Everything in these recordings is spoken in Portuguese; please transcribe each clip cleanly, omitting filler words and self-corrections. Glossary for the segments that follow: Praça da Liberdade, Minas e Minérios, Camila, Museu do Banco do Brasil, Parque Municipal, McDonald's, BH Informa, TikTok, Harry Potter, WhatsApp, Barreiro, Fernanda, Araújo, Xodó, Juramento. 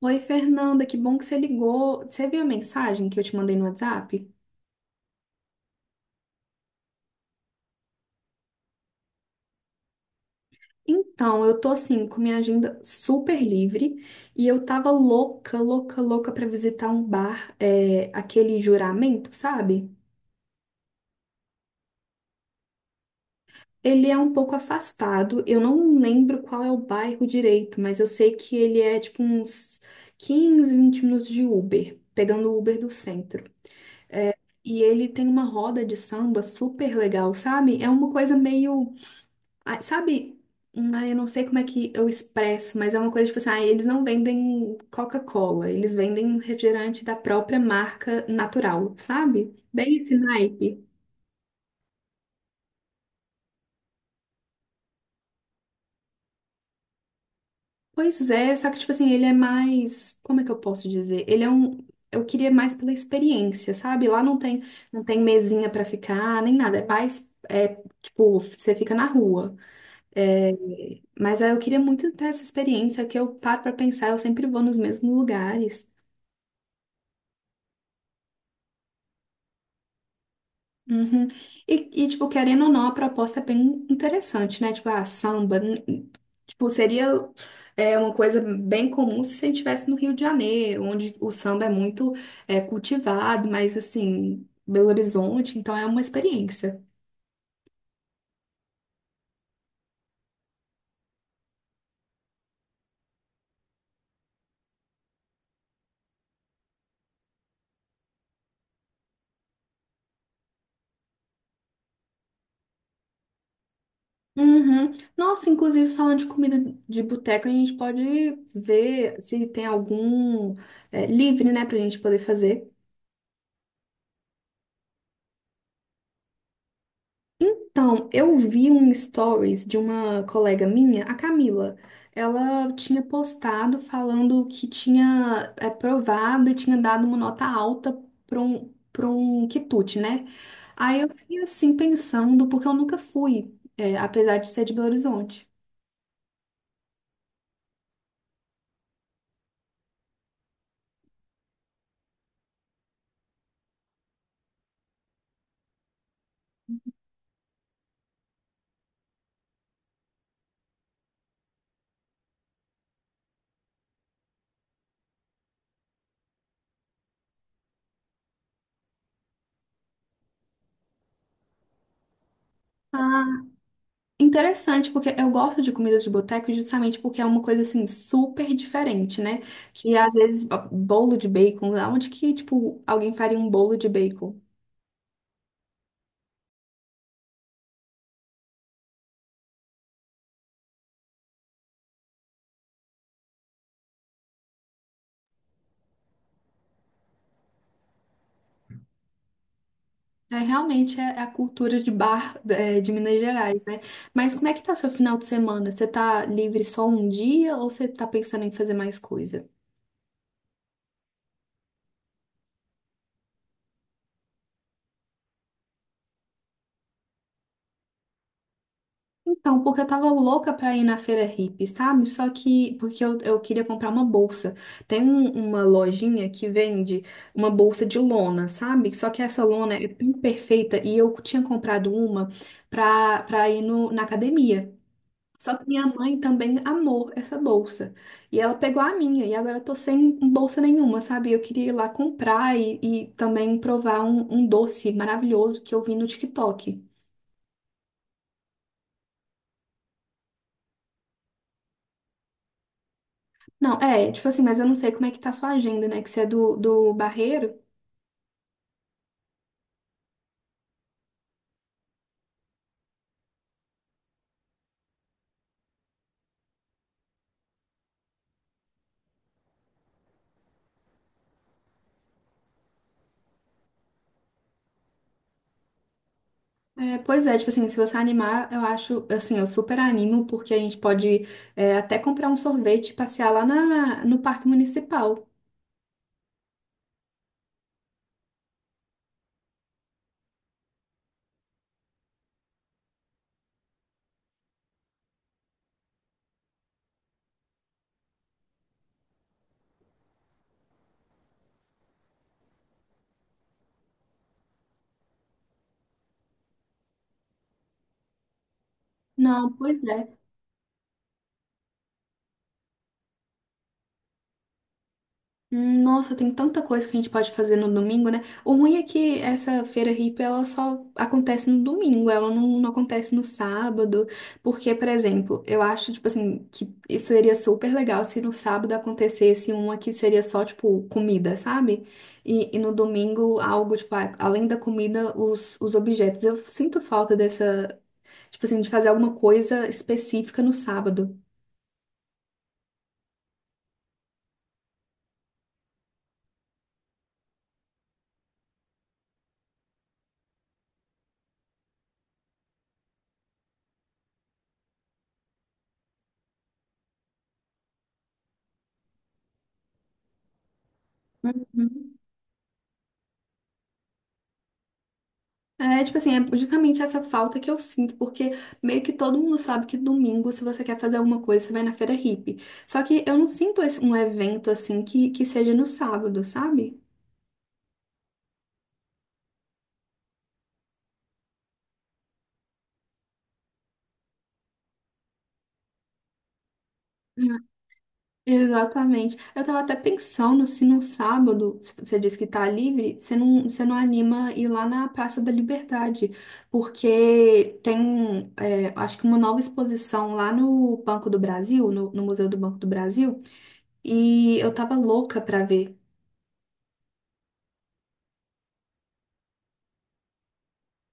Oi, Fernanda, que bom que você ligou. Você viu a mensagem que eu te mandei no WhatsApp? Então, eu tô assim, com minha agenda super livre e eu tava louca, louca, louca pra visitar um bar, aquele Juramento, sabe? Ele é um pouco afastado, eu não lembro qual é o bairro direito, mas eu sei que ele é tipo uns 15, 20 minutos de Uber, pegando o Uber do centro. E ele tem uma roda de samba super legal, sabe? É uma coisa meio, ah, sabe? Ah, eu não sei como é que eu expresso, mas é uma coisa tipo assim, eles não vendem Coca-Cola, eles vendem refrigerante da própria marca natural, sabe? Bem esse naipe. Pois é, só que tipo assim, ele é mais, como é que eu posso dizer? Ele é um, eu queria mais pela experiência, sabe? Lá não tem mesinha pra ficar, nem nada, é mais, tipo, você fica na rua. É, mas aí eu queria muito ter essa experiência que eu paro pra pensar, eu sempre vou nos mesmos lugares. Uhum. E, tipo, querendo ou não, a proposta é bem interessante, né? Tipo, a samba, tipo, seria uma coisa bem comum se a gente estivesse no Rio de Janeiro, onde o samba é muito cultivado, mas, assim, Belo Horizonte, então é uma experiência. Uhum. Nossa, inclusive, falando de comida de boteca, a gente pode ver se tem algum livre, né, pra gente poder fazer. Então, eu vi um stories de uma colega minha, a Camila. Ela tinha postado falando que tinha provado e tinha dado uma nota alta para um quitute, né? Aí eu fiquei assim pensando, porque eu nunca fui, apesar de ser de Belo Horizonte. Ah, interessante, porque eu gosto de comida de boteco justamente porque é uma coisa assim super diferente, né? Que às vezes ó, bolo de bacon, aonde que tipo alguém faria um bolo de bacon? É, realmente é a cultura de bar, de Minas Gerais, né? Mas como é que tá seu final de semana? Você tá livre só um dia ou você tá pensando em fazer mais coisa? Então, porque eu tava louca pra ir na feira hippie, sabe? Só que porque eu queria comprar uma bolsa. Uma lojinha que vende uma bolsa de lona, sabe? Só que essa lona é imperfeita e eu tinha comprado uma pra ir no, na academia. Só que minha mãe também amou essa bolsa. E ela pegou a minha, e agora eu tô sem bolsa nenhuma, sabe? Eu queria ir lá comprar e também provar um doce maravilhoso que eu vi no TikTok. Não, tipo assim, mas eu não sei como é que tá a sua agenda, né? Que você é do Barreiro. É, pois é, tipo assim, se você animar, eu acho, assim, eu super animo, porque a gente pode até comprar um sorvete e passear lá na, no Parque Municipal. Não, pois é. Nossa, tem tanta coisa que a gente pode fazer no domingo, né? O ruim é que essa feira hippie, ela só acontece no domingo, ela não, acontece no sábado, porque, por exemplo, eu acho, tipo assim, que isso seria super legal se no sábado acontecesse uma que seria só, tipo, comida, sabe? E no domingo, algo, tipo, além da comida, os objetos. Eu sinto falta dessa, tipo assim, de fazer alguma coisa específica no sábado. Uhum. É, tipo assim, é justamente essa falta que eu sinto, porque meio que todo mundo sabe que domingo, se você quer fazer alguma coisa, você vai na feira hippie. Só que eu não sinto um evento assim que seja no sábado, sabe? Hum. Exatamente. Eu tava até pensando se no sábado, se você disse que tá livre, você não anima ir lá na Praça da Liberdade, porque tem, acho que uma nova exposição lá no Banco do Brasil, no Museu do Banco do Brasil. E eu tava louca pra ver.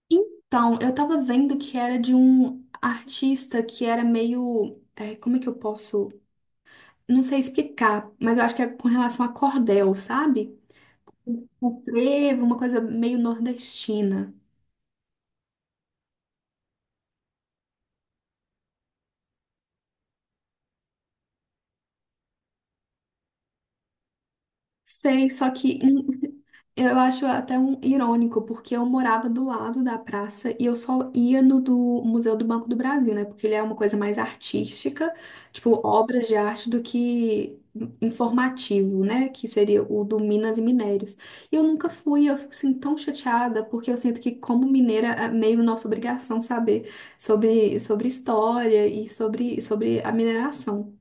Então, eu tava vendo que era de um artista que era meio, como é que eu posso. Não sei explicar, mas eu acho que é com relação a cordel, sabe? Um frevo, uma coisa meio nordestina. Sei, só que eu acho até um irônico, porque eu morava do lado da praça e eu só ia no do Museu do Banco do Brasil, né? Porque ele é uma coisa mais artística, tipo obras de arte do que informativo, né? Que seria o do Minas e Minérios. E eu nunca fui, eu fico assim tão chateada, porque eu sinto que como mineira é meio nossa obrigação saber sobre, sobre história e sobre, sobre a mineração.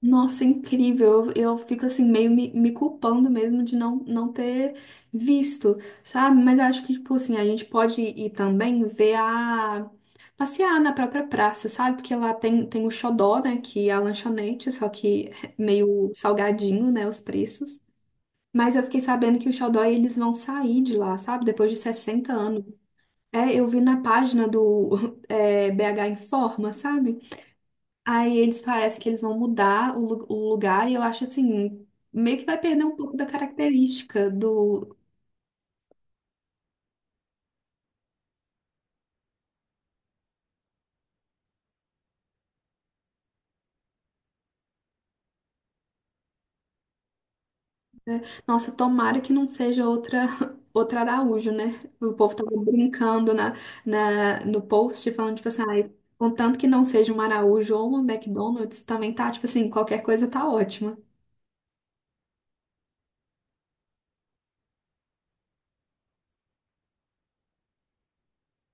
Nossa, incrível. Eu fico assim, meio me culpando mesmo de não ter visto, sabe? Mas acho que, tipo assim, a gente pode ir também ver a. passear na própria praça, sabe? Porque lá tem, o Xodó, né? Que é a lanchonete, só que é meio salgadinho, né? Os preços. Mas eu fiquei sabendo que o Xodó eles vão sair de lá, sabe? Depois de 60 anos. É, eu vi na página do BH Informa, sabe? Aí eles parecem que eles vão mudar o lugar e eu acho assim, meio que vai perder um pouco da característica do, né? Nossa, tomara que não seja outra outra Araújo, né? O povo tava brincando na, na no post falando tipo assim, ai, contanto que não seja uma Araújo ou uma McDonald's, também tá tipo assim, qualquer coisa tá ótima.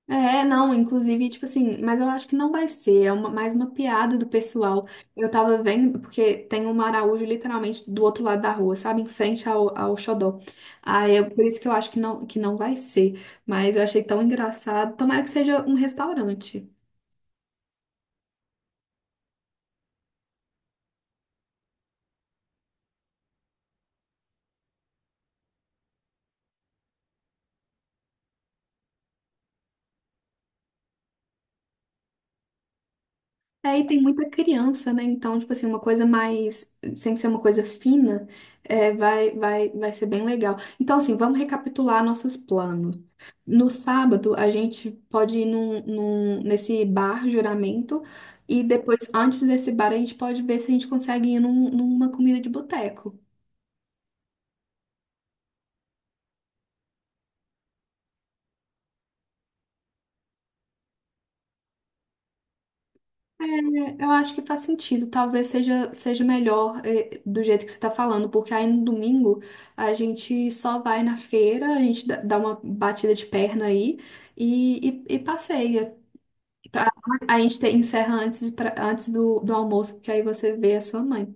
É, não, inclusive, tipo assim, mas eu acho que não vai ser, é uma- mais uma piada do pessoal. Eu tava vendo, porque tem um Araújo literalmente do outro lado da rua, sabe? Em frente ao, ao Xodó. Aí, por isso que eu acho que não vai ser. Mas eu achei tão engraçado. Tomara que seja um restaurante. É, e tem muita criança, né? Então, tipo assim, uma coisa mais, sem ser uma coisa fina, é, vai ser bem legal. Então, assim, vamos recapitular nossos planos. No sábado, a gente pode ir nesse bar Juramento, e depois, antes desse bar, a gente pode ver se a gente consegue ir numa comida de boteco. É, eu acho que faz sentido. Talvez seja melhor, do jeito que você está falando, porque aí no domingo a gente só vai na feira, a gente dá uma batida de perna aí e passeia. Pra- A gente encerra antes, antes do almoço, porque aí você vê a sua mãe.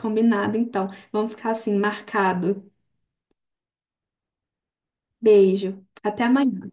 Combinado, então. Vamos ficar assim, marcado. Beijo. Até amanhã.